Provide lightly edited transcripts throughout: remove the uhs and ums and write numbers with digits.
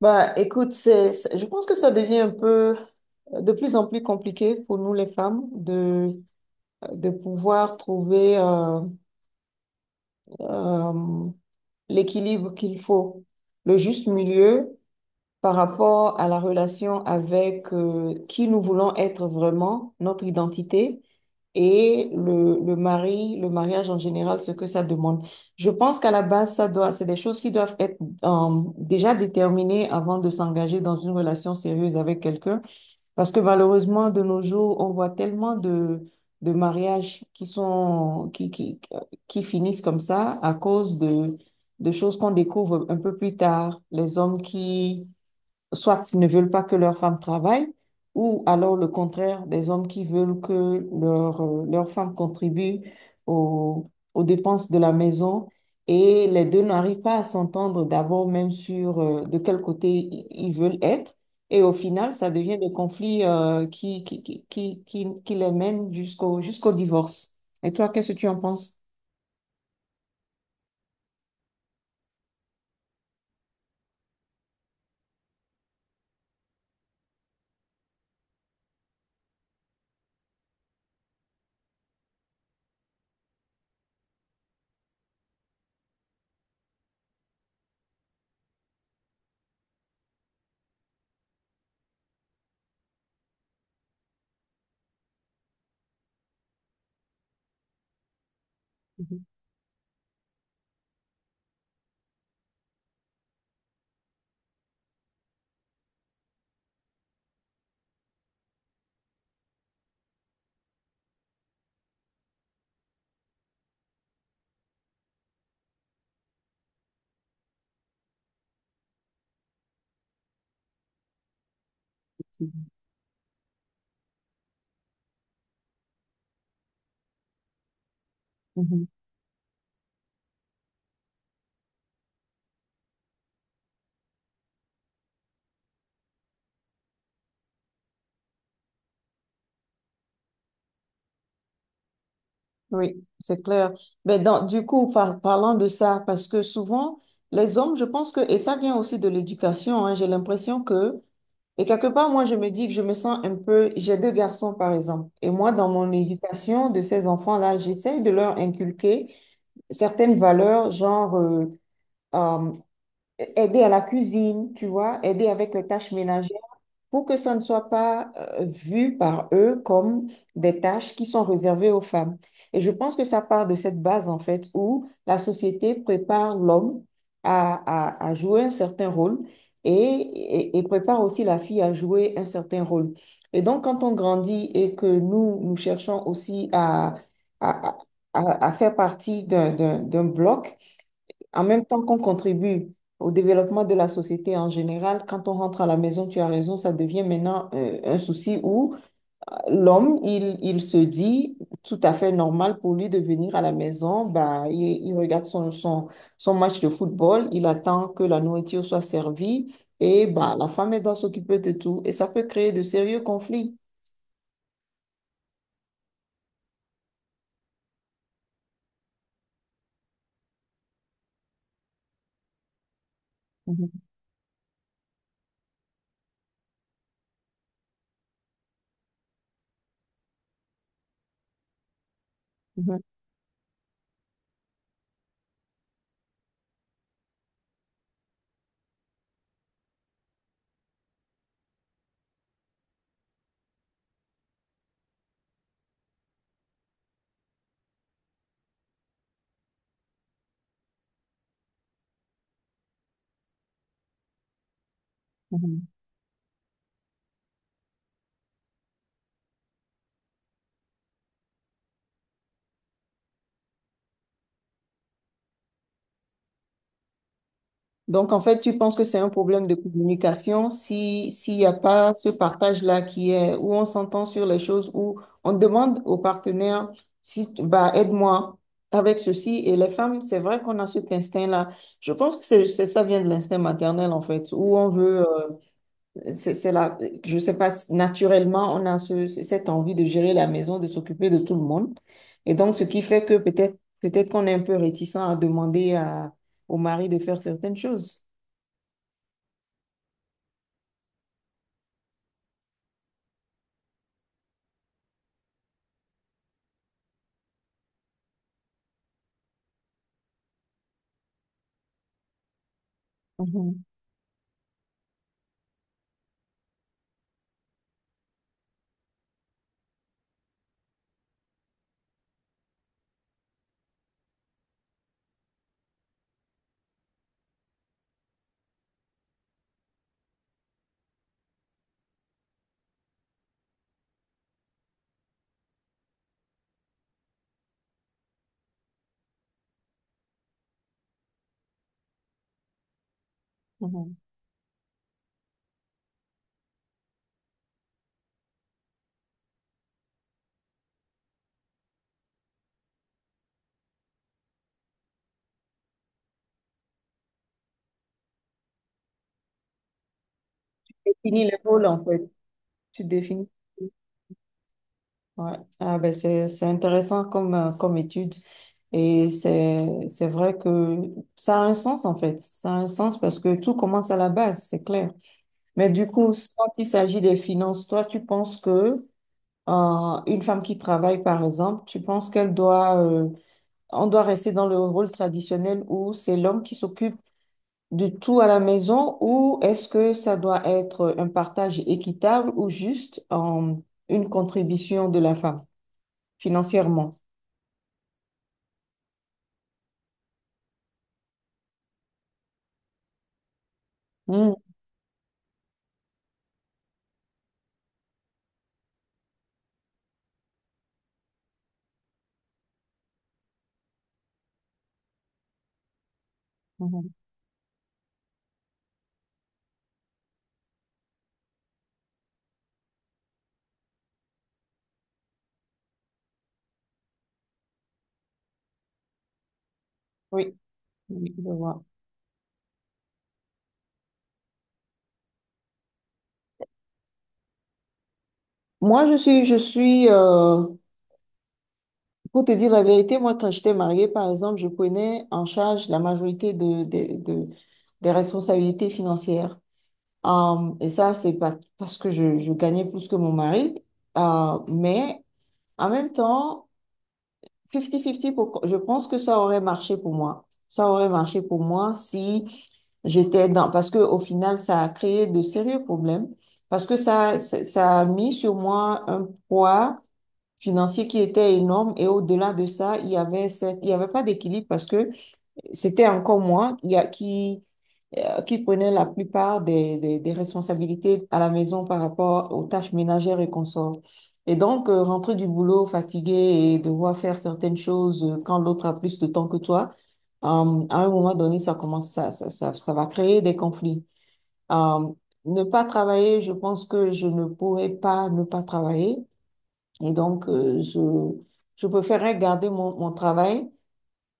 Bah, écoute, je pense que ça devient un peu de plus en plus compliqué pour nous les femmes de pouvoir trouver euh, l'équilibre qu'il faut, le juste milieu par rapport à la relation avec qui nous voulons être vraiment, notre identité et le mari, le mariage en général, ce que ça demande. Je pense qu'à la base, c'est des choses qui doivent être déjà déterminées avant de s'engager dans une relation sérieuse avec quelqu'un, parce que malheureusement, de nos jours, on voit tellement de mariages qui sont qui finissent comme ça à cause de choses qu'on découvre un peu plus tard. Les hommes qui, soit ne veulent pas que leurs femmes travaillent, ou alors le contraire, des hommes qui veulent que leurs femmes contribuent aux dépenses de la maison. Et les deux n'arrivent pas à s'entendre d'abord même sur de quel côté ils veulent être. Et au final, ça devient des conflits qui les mènent jusqu'au divorce. Et toi, qu'est-ce que tu en penses? Mhm. Mhm. Oui, c'est clair. Mais du coup, parlant de ça, parce que souvent, les hommes, je pense que, et ça vient aussi de l'éducation, hein, j'ai l'impression que, et quelque part, moi, je me dis que je me sens un peu, j'ai deux garçons, par exemple, et moi, dans mon éducation de ces enfants-là, j'essaye de leur inculquer certaines valeurs, genre euh, aider à la cuisine, tu vois, aider avec les tâches ménagères pour que ça ne soit pas vu par eux comme des tâches qui sont réservées aux femmes. Et je pense que ça part de cette base, en fait, où la société prépare l'homme à, à jouer un certain rôle et prépare aussi la fille à jouer un certain rôle. Et donc, quand on grandit et que nous, nous cherchons aussi à, à, à- à faire partie d'un bloc, en même temps qu'on contribue au développement de la société en général, quand on rentre à la maison, tu as raison, ça devient maintenant un souci où l'homme, il se dit tout à fait normal pour lui de venir à la maison, bah, il regarde son match de football, il attend que la nourriture soit servie et bah, la femme, elle doit s'occuper de tout et ça peut créer de sérieux conflits. Mhm, mhm, mhm. Donc, en fait, tu penses que c'est un problème de communication si, s'il n'y a pas ce partage-là qui est où on s'entend sur les choses, où on demande au partenaire si, bah, aide-moi avec ceci. Et les femmes, c'est vrai qu'on a cet instinct-là. Je pense que ça vient de l'instinct maternel, en fait, où on veut, c'est la, je sais pas, naturellement, on a cette envie de gérer la maison, de s'occuper de tout le monde. Et donc, ce qui fait que peut-être qu'on est un peu réticent à demander à, au mari de faire certaines choses. Mhm, mhm. Définis le rôle, en fait. Tu définis. Ouais. Ah ben c'est intéressant comme, comme étude et c'est vrai que ça a un sens en fait. Ça a un sens parce que tout commence à la base, c'est clair. Mais du coup, quand il s'agit des finances, toi, tu penses que une femme qui travaille, par exemple, tu penses qu'elle doit, on doit rester dans le rôle traditionnel où c'est l'homme qui s'occupe de tout à la maison ou est-ce que ça doit être un partage équitable ou juste une contribution de la femme financièrement? Mhm, mhm. Oui, oui, je vois. Moi, pour te dire la vérité, moi, quand j'étais mariée, par exemple, je prenais en charge la majorité des responsabilités financières. Et ça, c'est pas parce que je gagnais plus que mon mari. Mais en même temps, 50-50, je pense que ça aurait marché pour moi. Ça aurait marché pour moi si j'étais dans... Parce que au final, ça a créé de sérieux problèmes. Parce que ça a mis sur moi un poids financier qui était énorme. Et au-delà de ça, il y avait pas d'équilibre parce que c'était encore moi qui prenaient la plupart des responsabilités à la maison par rapport aux tâches ménagères et consorts. Et donc, rentrer du boulot fatigué et devoir faire certaines choses quand l'autre a plus de temps que toi, à un moment donné, ça commence, ça va créer des conflits. Euh, Ne pas travailler, je pense que je ne pourrais pas ne pas travailler. Et donc, je préférerais garder mon travail.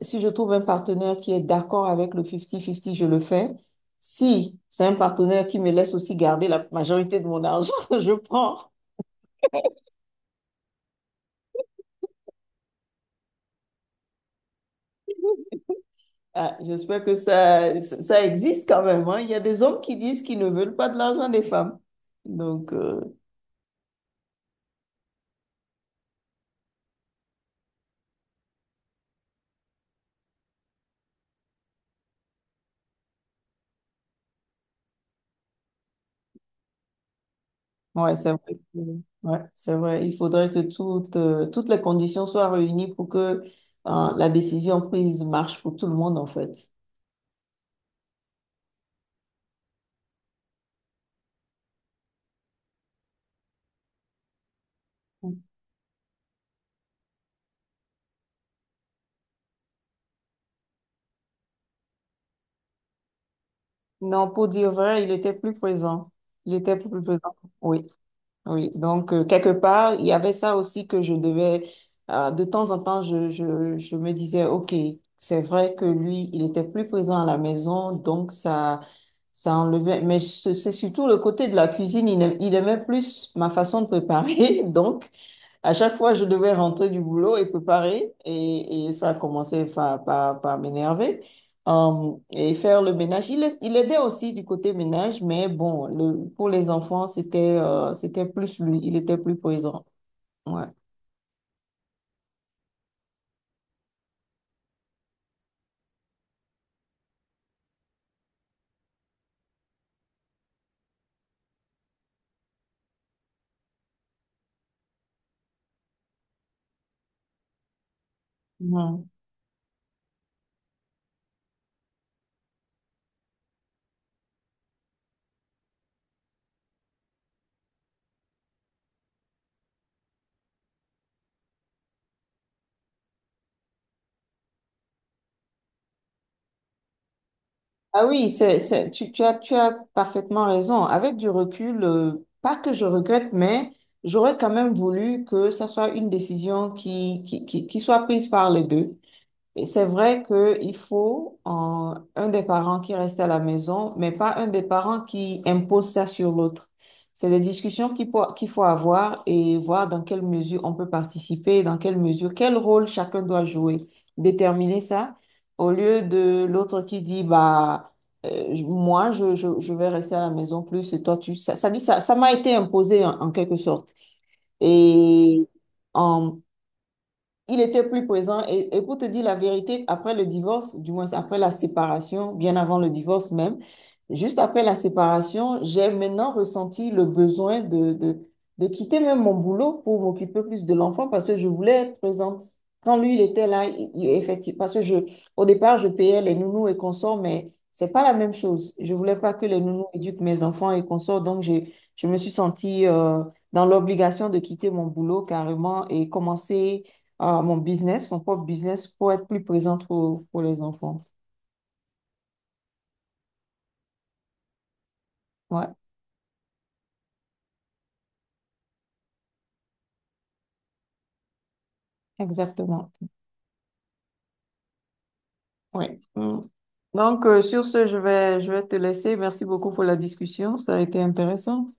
Si je trouve un partenaire qui est d'accord avec le 50-50, je le fais. Si c'est un partenaire qui me laisse aussi garder la majorité de mon argent, je prends. Ah, j'espère que ça existe quand même, hein. Il y a des hommes qui disent qu'ils ne veulent pas de l'argent des femmes. Donc, ouais, c'est vrai. que- ouais, c'est vrai. Il faudrait que toutes les conditions soient réunies pour que, la décision prise marche pour tout le monde, en fait. Non, pour dire vrai, il était plus présent. Il était plus présent. Oui. Oui, donc quelque part, il y avait ça aussi que je devais, de temps en temps, je me disais, OK, c'est vrai que lui, il était plus présent à la maison, donc ça enlevait. Mais c'est surtout le côté de la cuisine, il aimait plus ma façon de préparer, donc à chaque fois, je devais rentrer du boulot et préparer, et ça commençait par, par m'énerver. Et faire le ménage. Il aidait aussi du côté ménage, mais bon, le, pour les enfants, c'était c'était plus lui, il était plus présent. Ouais. Ouais. Ah oui, c'est, tu, tu as parfaitement raison. Avec du recul, pas que je regrette, mais j'aurais quand même voulu que ça soit une décision qui soit prise par les deux. Et c'est vrai qu'il faut un des parents qui reste à la maison, mais pas un des parents qui impose ça sur l'autre. C'est des discussions qu'il faut avoir et voir dans quelle mesure on peut participer, dans quelle mesure, quel rôle chacun doit jouer. Déterminer ça au lieu de l'autre qui dit, bah, je vais rester à la maison plus et toi, tu... ça m'a été imposé en quelque sorte. Et euh, il était plus présent. Et pour te dire la vérité, après le divorce, du moins après la séparation, bien avant le divorce même, juste après la séparation, j'ai maintenant ressenti le besoin de quitter même mon boulot pour m'occuper plus de l'enfant parce que je voulais être présente. Quand lui, il était là, il- effectivement, parce que au départ, je payais les nounous et consorts, mais c'est pas la même chose. Je voulais pas que les nounous éduquent mes enfants et consorts, donc je me suis sentie dans l'obligation de quitter mon boulot carrément et commencer à mon business, mon propre business, pour être plus présente pour les enfants. Ouais, exactement. Ouais. Mm. Donc, sur ce, je vais te laisser. Merci beaucoup pour la discussion. Ça a été intéressant.